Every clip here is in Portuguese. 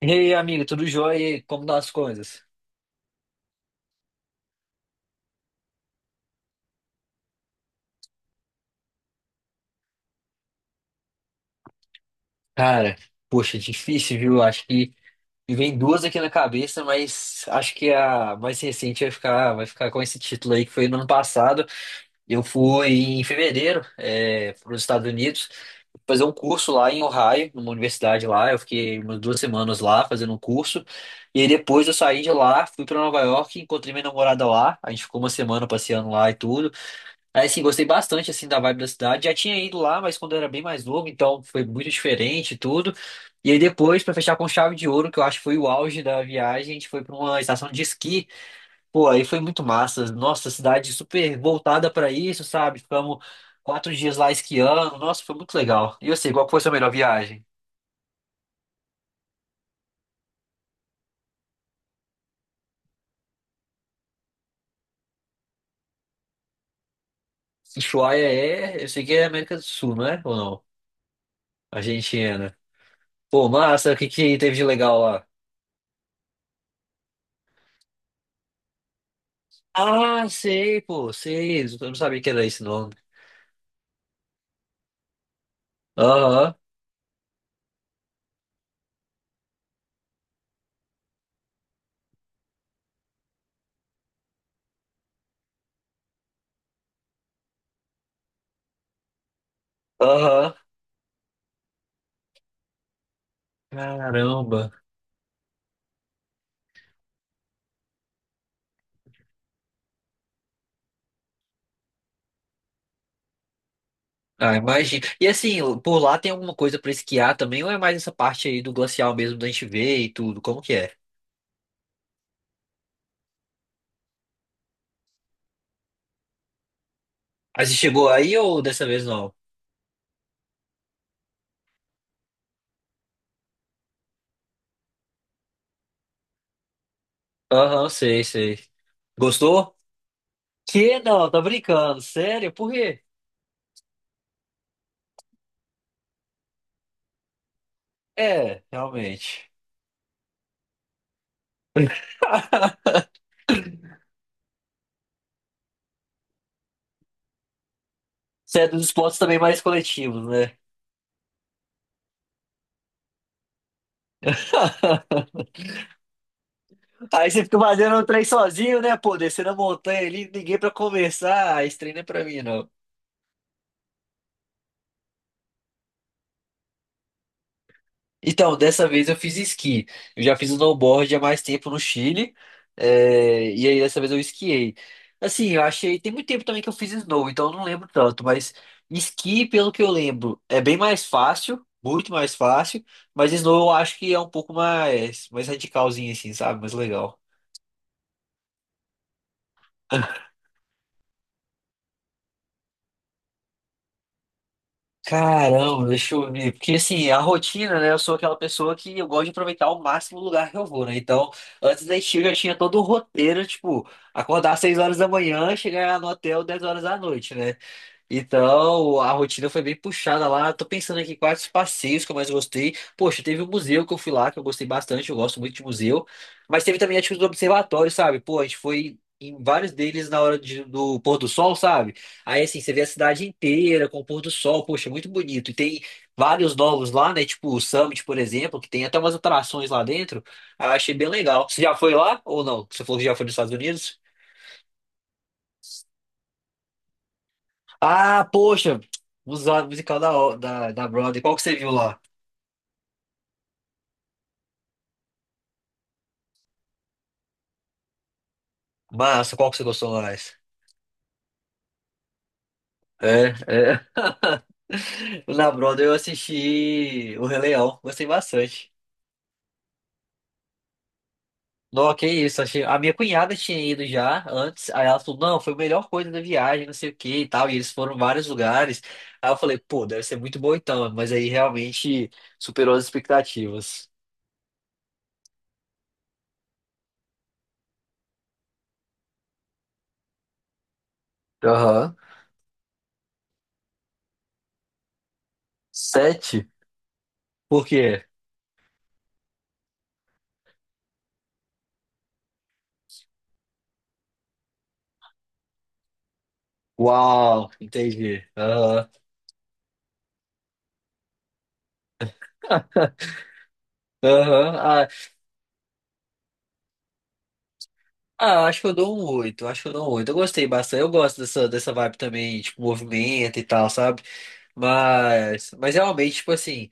E aí, amigo, tudo jóia? E aí, como estão as coisas? Cara, poxa, difícil, viu? Acho que me vem duas aqui na cabeça, mas acho que a mais recente vai ficar com esse título aí, que foi no ano passado. Eu fui em fevereiro, para os Estados Unidos, fazer um curso lá em Ohio, numa universidade lá. Eu fiquei umas 2 semanas lá fazendo um curso. E aí depois eu saí de lá, fui para Nova York, encontrei minha namorada lá. A gente ficou uma semana passeando lá e tudo. Aí, assim, gostei bastante, assim, da vibe da cidade. Já tinha ido lá, mas quando eu era bem mais novo, então foi muito diferente e tudo. E aí depois, pra fechar com chave de ouro, que eu acho que foi o auge da viagem, a gente foi pra uma estação de esqui. Pô, aí foi muito massa. Nossa, cidade super voltada pra isso, sabe? Ficamos 4 dias lá esquiando. Nossa, foi muito legal. E eu sei, qual que foi a sua melhor viagem? Ushuaia é, eu sei que é América do Sul, não é? Ou não? Argentina. Pô, massa, o que que teve de legal lá? Ah, sei, pô, sei. Eu não sabia que era esse nome. Aham, aham. Caramba. Ah, imagina. E assim, por lá tem alguma coisa pra esquiar também, ou é mais essa parte aí do glacial mesmo da gente ver e tudo? Como que é? Aí você chegou aí ou dessa vez não? Aham, sei, sei. Gostou? Que não, tá brincando. Sério? Por quê? É, realmente. Você é dos esportes também mais coletivos, né? Aí você fica fazendo o trem sozinho, né? Pô, descendo a montanha ali, ninguém pra conversar. Ah, esse trem não é pra mim, não. Então, dessa vez eu fiz esqui. Eu já fiz snowboard há mais tempo no Chile. E aí dessa vez eu esquiei. Assim, eu achei. Tem muito tempo também que eu fiz snow, então eu não lembro tanto. Mas esqui, pelo que eu lembro, é bem mais fácil. Muito mais fácil. Mas snow eu acho que é um pouco mais, mais radicalzinho, assim, sabe? Mais legal. Caramba, deixa eu ver. Porque assim, a rotina, né? Eu sou aquela pessoa que eu gosto de aproveitar ao máximo o lugar que eu vou, né? Então, antes da gente eu já tinha todo o roteiro, tipo, acordar às 6 horas da manhã, chegar no hotel 10 horas da noite, né? Então, a rotina foi bem puxada lá. Tô pensando aqui quais os passeios que eu mais gostei. Poxa, teve o museu que eu fui lá, que eu gostei bastante, eu gosto muito de museu. Mas teve também a atitude do observatório, sabe? Pô, a gente foi em vários deles na hora do pôr do sol, sabe? Aí, assim, você vê a cidade inteira com o pôr do sol, poxa, muito bonito. E tem vários novos lá, né? Tipo o Summit, por exemplo, que tem até umas atrações lá dentro. Aí eu achei bem legal. Você já foi lá ou não? Você falou que já foi nos Estados Unidos? Ah, poxa, usado musical da Broadway. Qual que você viu lá? Massa, qual que você gostou mais? É, é. Na Broadway eu assisti O Rei Leão, gostei bastante. Não, que isso, achei, a minha cunhada tinha ido já antes, aí ela falou, não, foi a melhor coisa da viagem, não sei o que e tal, e eles foram em vários lugares. Aí eu falei, pô, deve ser muito bom então, mas aí realmente superou as expectativas. Aham. Sete? Por quê? Uau, entendi. Aham. Aham, ah, acho que eu dou um 8, acho que eu dou um 8. Eu gostei bastante, eu gosto dessa, dessa vibe também, tipo, movimento e tal, sabe? Mas realmente, tipo assim,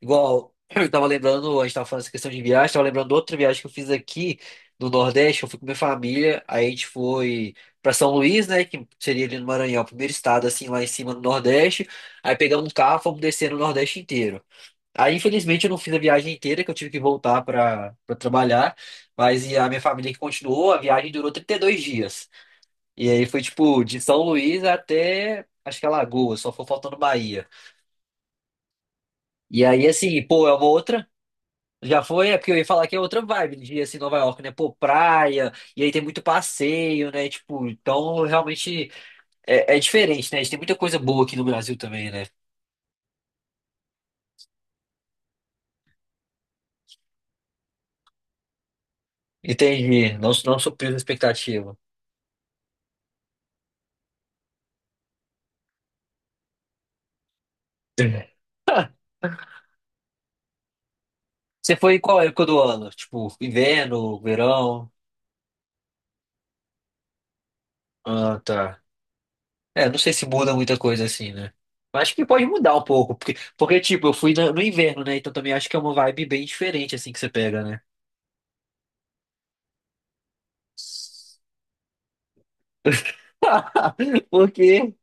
igual eu tava lembrando, a gente tava falando essa questão de viagem, tava lembrando de outra viagem que eu fiz aqui no Nordeste, eu fui com minha família, aí a gente foi pra São Luís, né, que seria ali no Maranhão, o primeiro estado, assim, lá em cima no Nordeste, aí pegamos um carro, fomos descer no Nordeste inteiro. Aí, infelizmente, eu não fiz a viagem inteira, que eu tive que voltar para trabalhar, mas e a minha família que continuou, a viagem durou 32 dias. E aí foi, tipo, de São Luís até, acho que Alagoas, só foi faltando Bahia. E aí, assim, pô, é uma outra, já foi, é porque eu ia falar que é outra vibe de, assim, Nova York, né? Pô, praia, e aí tem muito passeio, né? Tipo, então, realmente, é, é diferente, né? A gente tem muita coisa boa aqui no Brasil também, né? Entendi, não, não supriu a expectativa. Você foi em qual época do ano? Tipo, inverno, verão? Ah, tá. É, não sei se muda muita coisa assim, né? Mas acho que pode mudar um pouco, porque tipo, eu fui no inverno, né? Então também acho que é uma vibe bem diferente, assim, que você pega, né? Porque,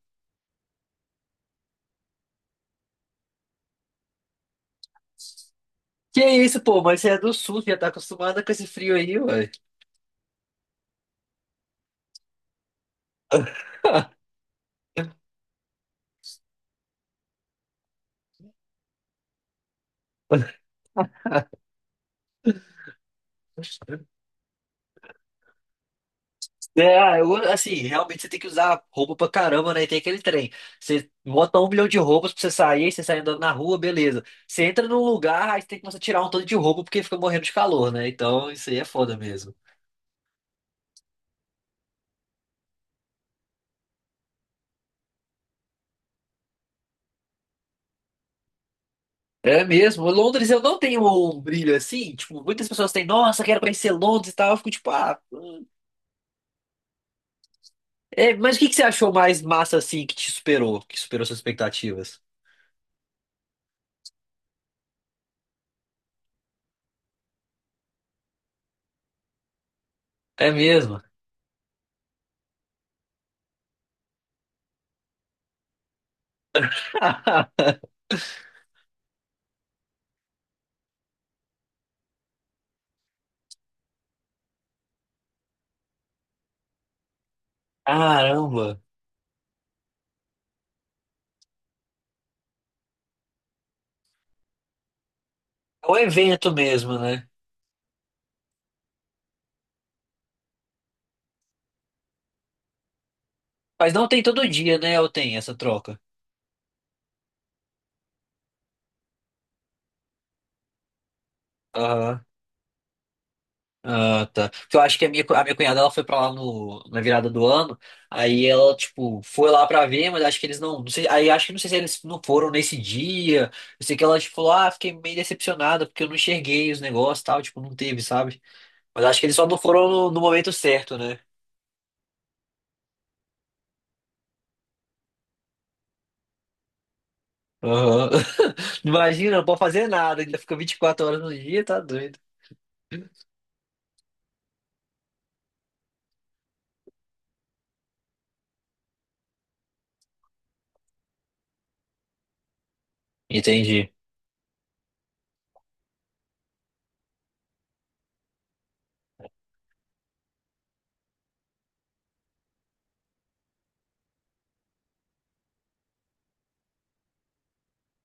que isso, pô, mas você é do sul, já tá acostumada com esse frio aí, ué. É, ah, eu, assim, realmente você tem que usar roupa pra caramba, né? E tem aquele trem. Você bota um milhão de roupas pra você sair, aí você sai andando na rua, beleza. Você entra num lugar, aí você tem que começar a tirar um tanto de roupa porque fica morrendo de calor, né? Então isso aí é foda mesmo. É mesmo. Londres eu não tenho um brilho assim. Tipo, muitas pessoas têm, nossa, quero conhecer Londres e tal. Eu fico tipo, ah. Hum. É, mas o que que você achou mais massa assim que te superou, que superou suas expectativas? É mesmo. Caramba. É um evento mesmo, né? Mas não tem todo dia, né? Ou tem essa troca? Aham. Ah, tá. Porque eu acho que a minha, a minha cunhada ela foi pra lá no, na virada do ano. Aí ela, tipo, foi lá pra ver, mas acho que eles não sei, aí acho que não sei se eles não foram nesse dia. Eu sei que ela, tipo, falou, ah, fiquei meio decepcionada porque eu não enxerguei os negócios e tal. Tipo, não teve, sabe? Mas acho que eles só não foram no momento certo, né? Aham. Imagina, não pode fazer nada, ainda fica 24 horas no dia, tá doido. Entendi.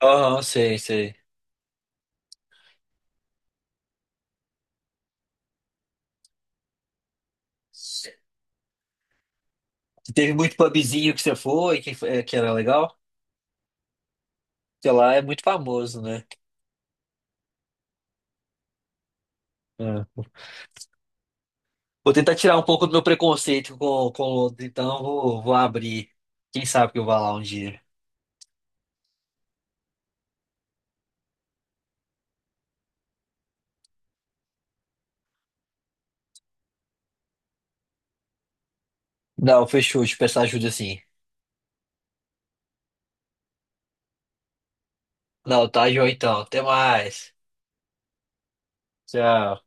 Aham, sei, sei. Teve muito pubzinho que você foi, que era legal? Sei lá, é muito famoso, né? É. Vou tentar tirar um pouco do meu preconceito com Londres, então eu vou abrir. Quem sabe que eu vá lá um dia. Não, fechou, te peço ajuda sim. Não, tá, João, então. Até mais. Tchau.